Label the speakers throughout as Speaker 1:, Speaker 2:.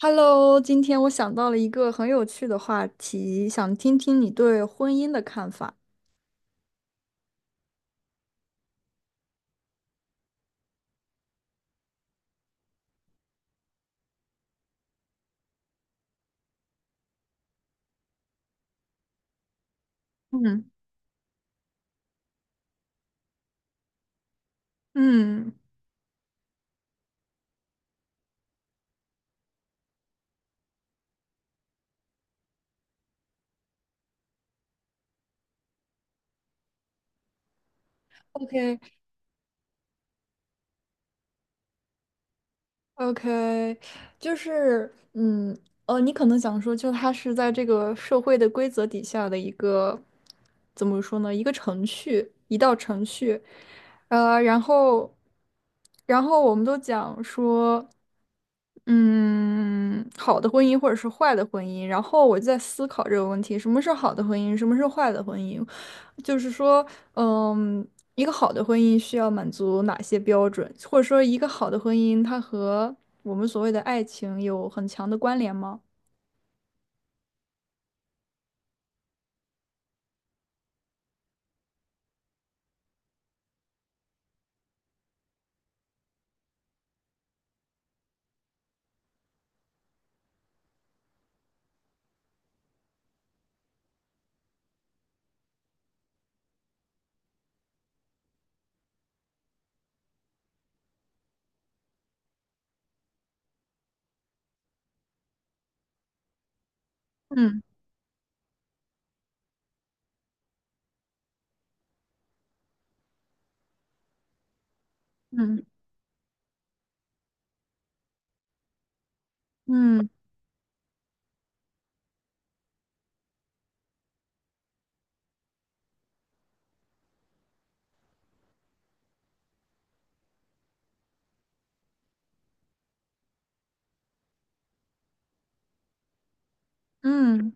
Speaker 1: Hello，今天我想到了一个很有趣的话题，想听听你对婚姻的看法。嗯嗯。 o k。 OK。 就是，你可能想说，就它是在这个社会的规则底下的一个，怎么说呢？一个程序，一道程序，然后，我们都讲说。好的婚姻或者是坏的婚姻，然后我就在思考这个问题：什么是好的婚姻，什么是坏的婚姻？就是说，嗯，一个好的婚姻需要满足哪些标准，或者说一个好的婚姻它和我们所谓的爱情有很强的关联吗？嗯嗯嗯嗯。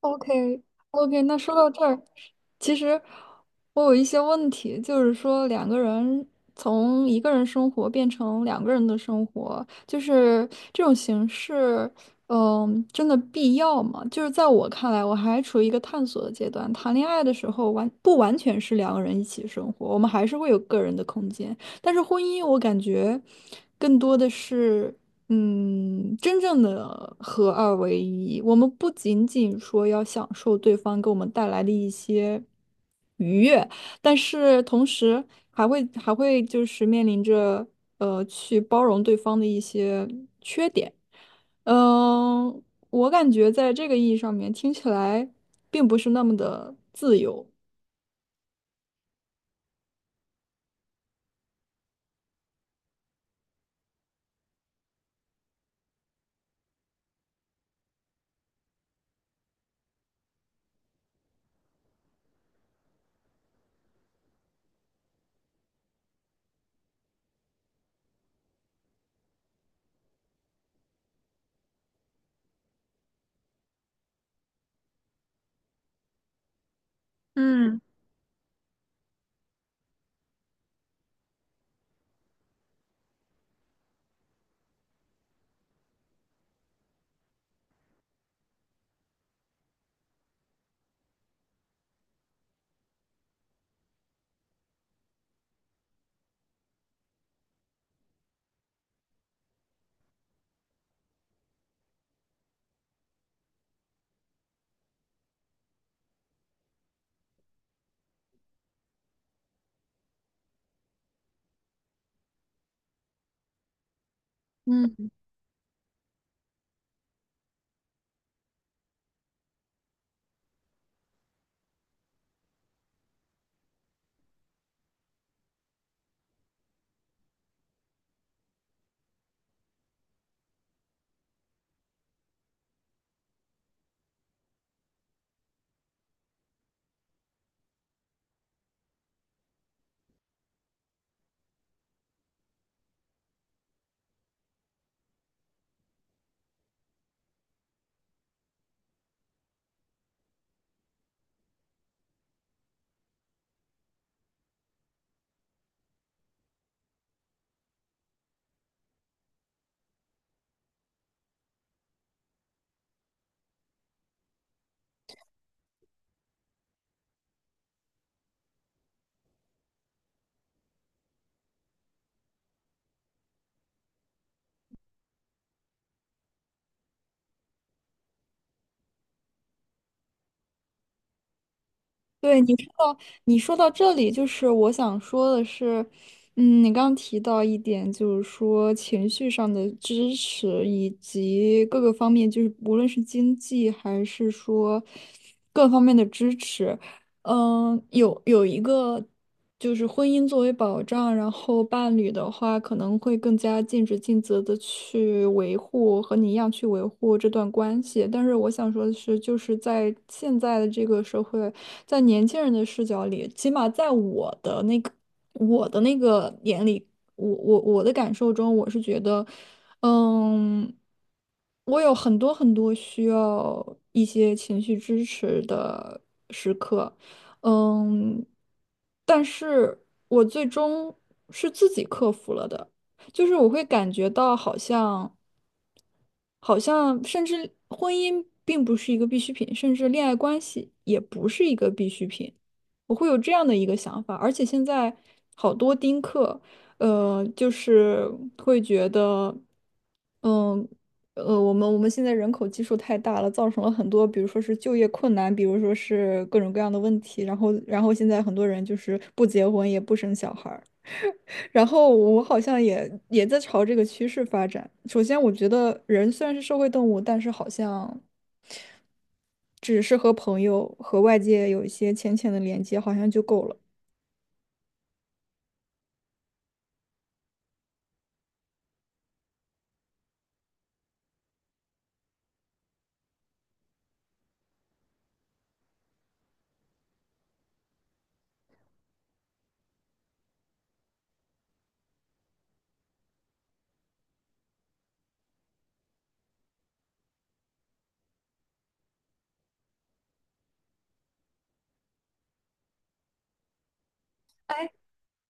Speaker 1: OK。 OK，那说到这儿，其实我有一些问题，就是说两个人从一个人生活变成两个人的生活，就是这种形式，真的必要吗？就是在我看来，我还处于一个探索的阶段。谈恋爱的时候完不完全是两个人一起生活，我们还是会有个人的空间，但是婚姻，我感觉更多的是。真正的合二为一，我们不仅仅说要享受对方给我们带来的一些愉悦，但是同时还会就是面临着去包容对方的一些，嗯、我感觉在这个意义上面听起来并不是那么的自由。嗯嗯。对，你说到这里，就是我想说的是，你刚刚提到一点，就是说情绪上的支持，以及各个方面，就是无论是经济还是说各方面的支持，有一个就是婚姻作为保障，然后伴侣的话可能会更加尽职尽责的去维护，和你一样去维护这段关系。但是我想说的是，就是在现在的这个社会。在年轻人的视角里，起码在我的那个眼里，我的感受中，我是觉得，嗯，我有很多很多需要一些情绪支持的时刻，嗯，但是我最终是自己克服了的，就是我会感觉到好像。好像甚至婚姻并不是一个必需品，甚至恋爱关系也不是一个必需品。我会有这样的一个想法，而且现在好多丁克，就是会觉得，嗯，我们现在人口基数太大了，造成了很多，比如说是就业困难，比如说是各种各样的问题，然后现在很多人就是不结婚也不生小孩儿。然后我好像也在朝这个趋势发展。首先，我觉得人虽然是社会动物，但是好像只是和朋友和外界有一些浅浅的连接，好像就够了。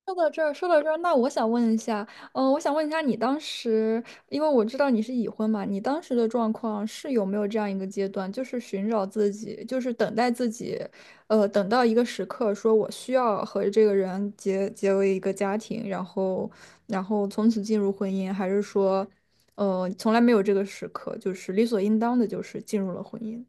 Speaker 1: 说到这儿，那我想问一下，你当时，因为我知道你是已婚嘛，你当时的状况是有没有这样一个阶段，就是寻找自己，就是等待自己，等到一个时刻，说我需要和这个人结为一个家庭，然后，从此进入婚姻，还是说，从来没有这个时刻，就是理所应当的，就是进入了婚姻？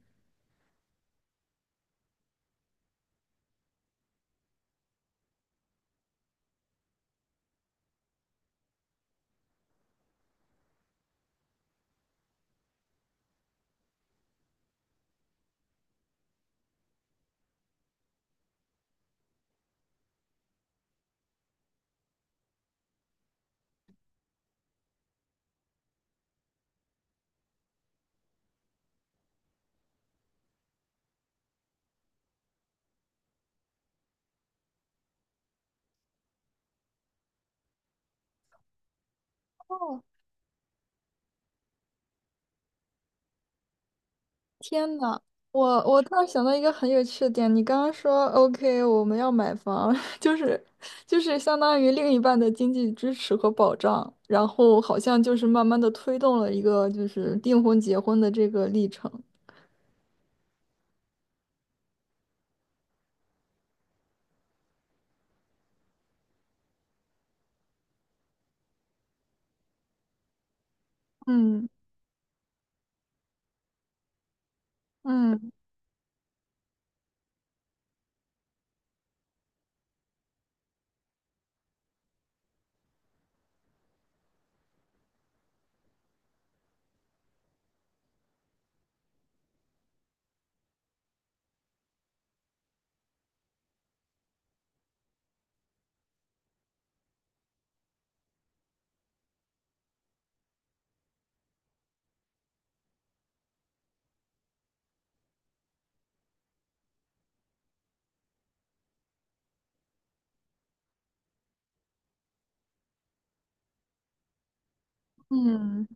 Speaker 1: 天呐，我我突然想到一个很有趣的点，你刚刚说 OK，我们要买房，就是就是相当于另一半的经济支持和保障，然后好像就是慢慢的推动了一个就是订婚结婚的这个历程。嗯嗯嗯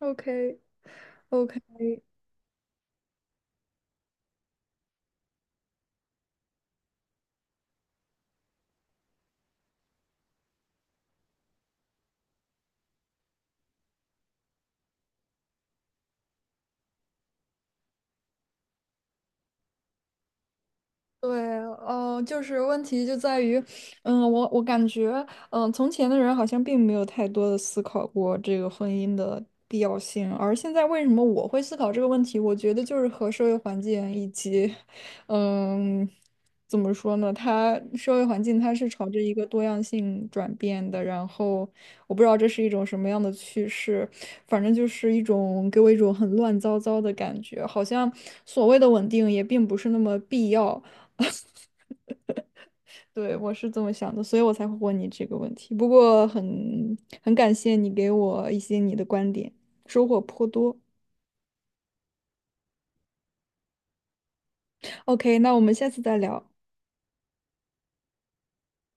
Speaker 1: ，OK，OK，对，就是问题就在于，我感觉，从前的人好像并没有太多的思考过这个婚姻的必要性，而现在为什么我会思考这个问题？我觉得就是和社会环境以及，嗯，怎么说呢？它社会环境它是朝着一个多样性转变的，然后我不知道这是一种什么样的趋势。反正就是一种给我一种很乱糟糟的感觉，好像所谓的稳定也并不是那么必要。对，我是这么想的，所以我才会问你这个问题。不过很感谢你给我一些你的观点，收获颇多。OK，那我们下次再聊。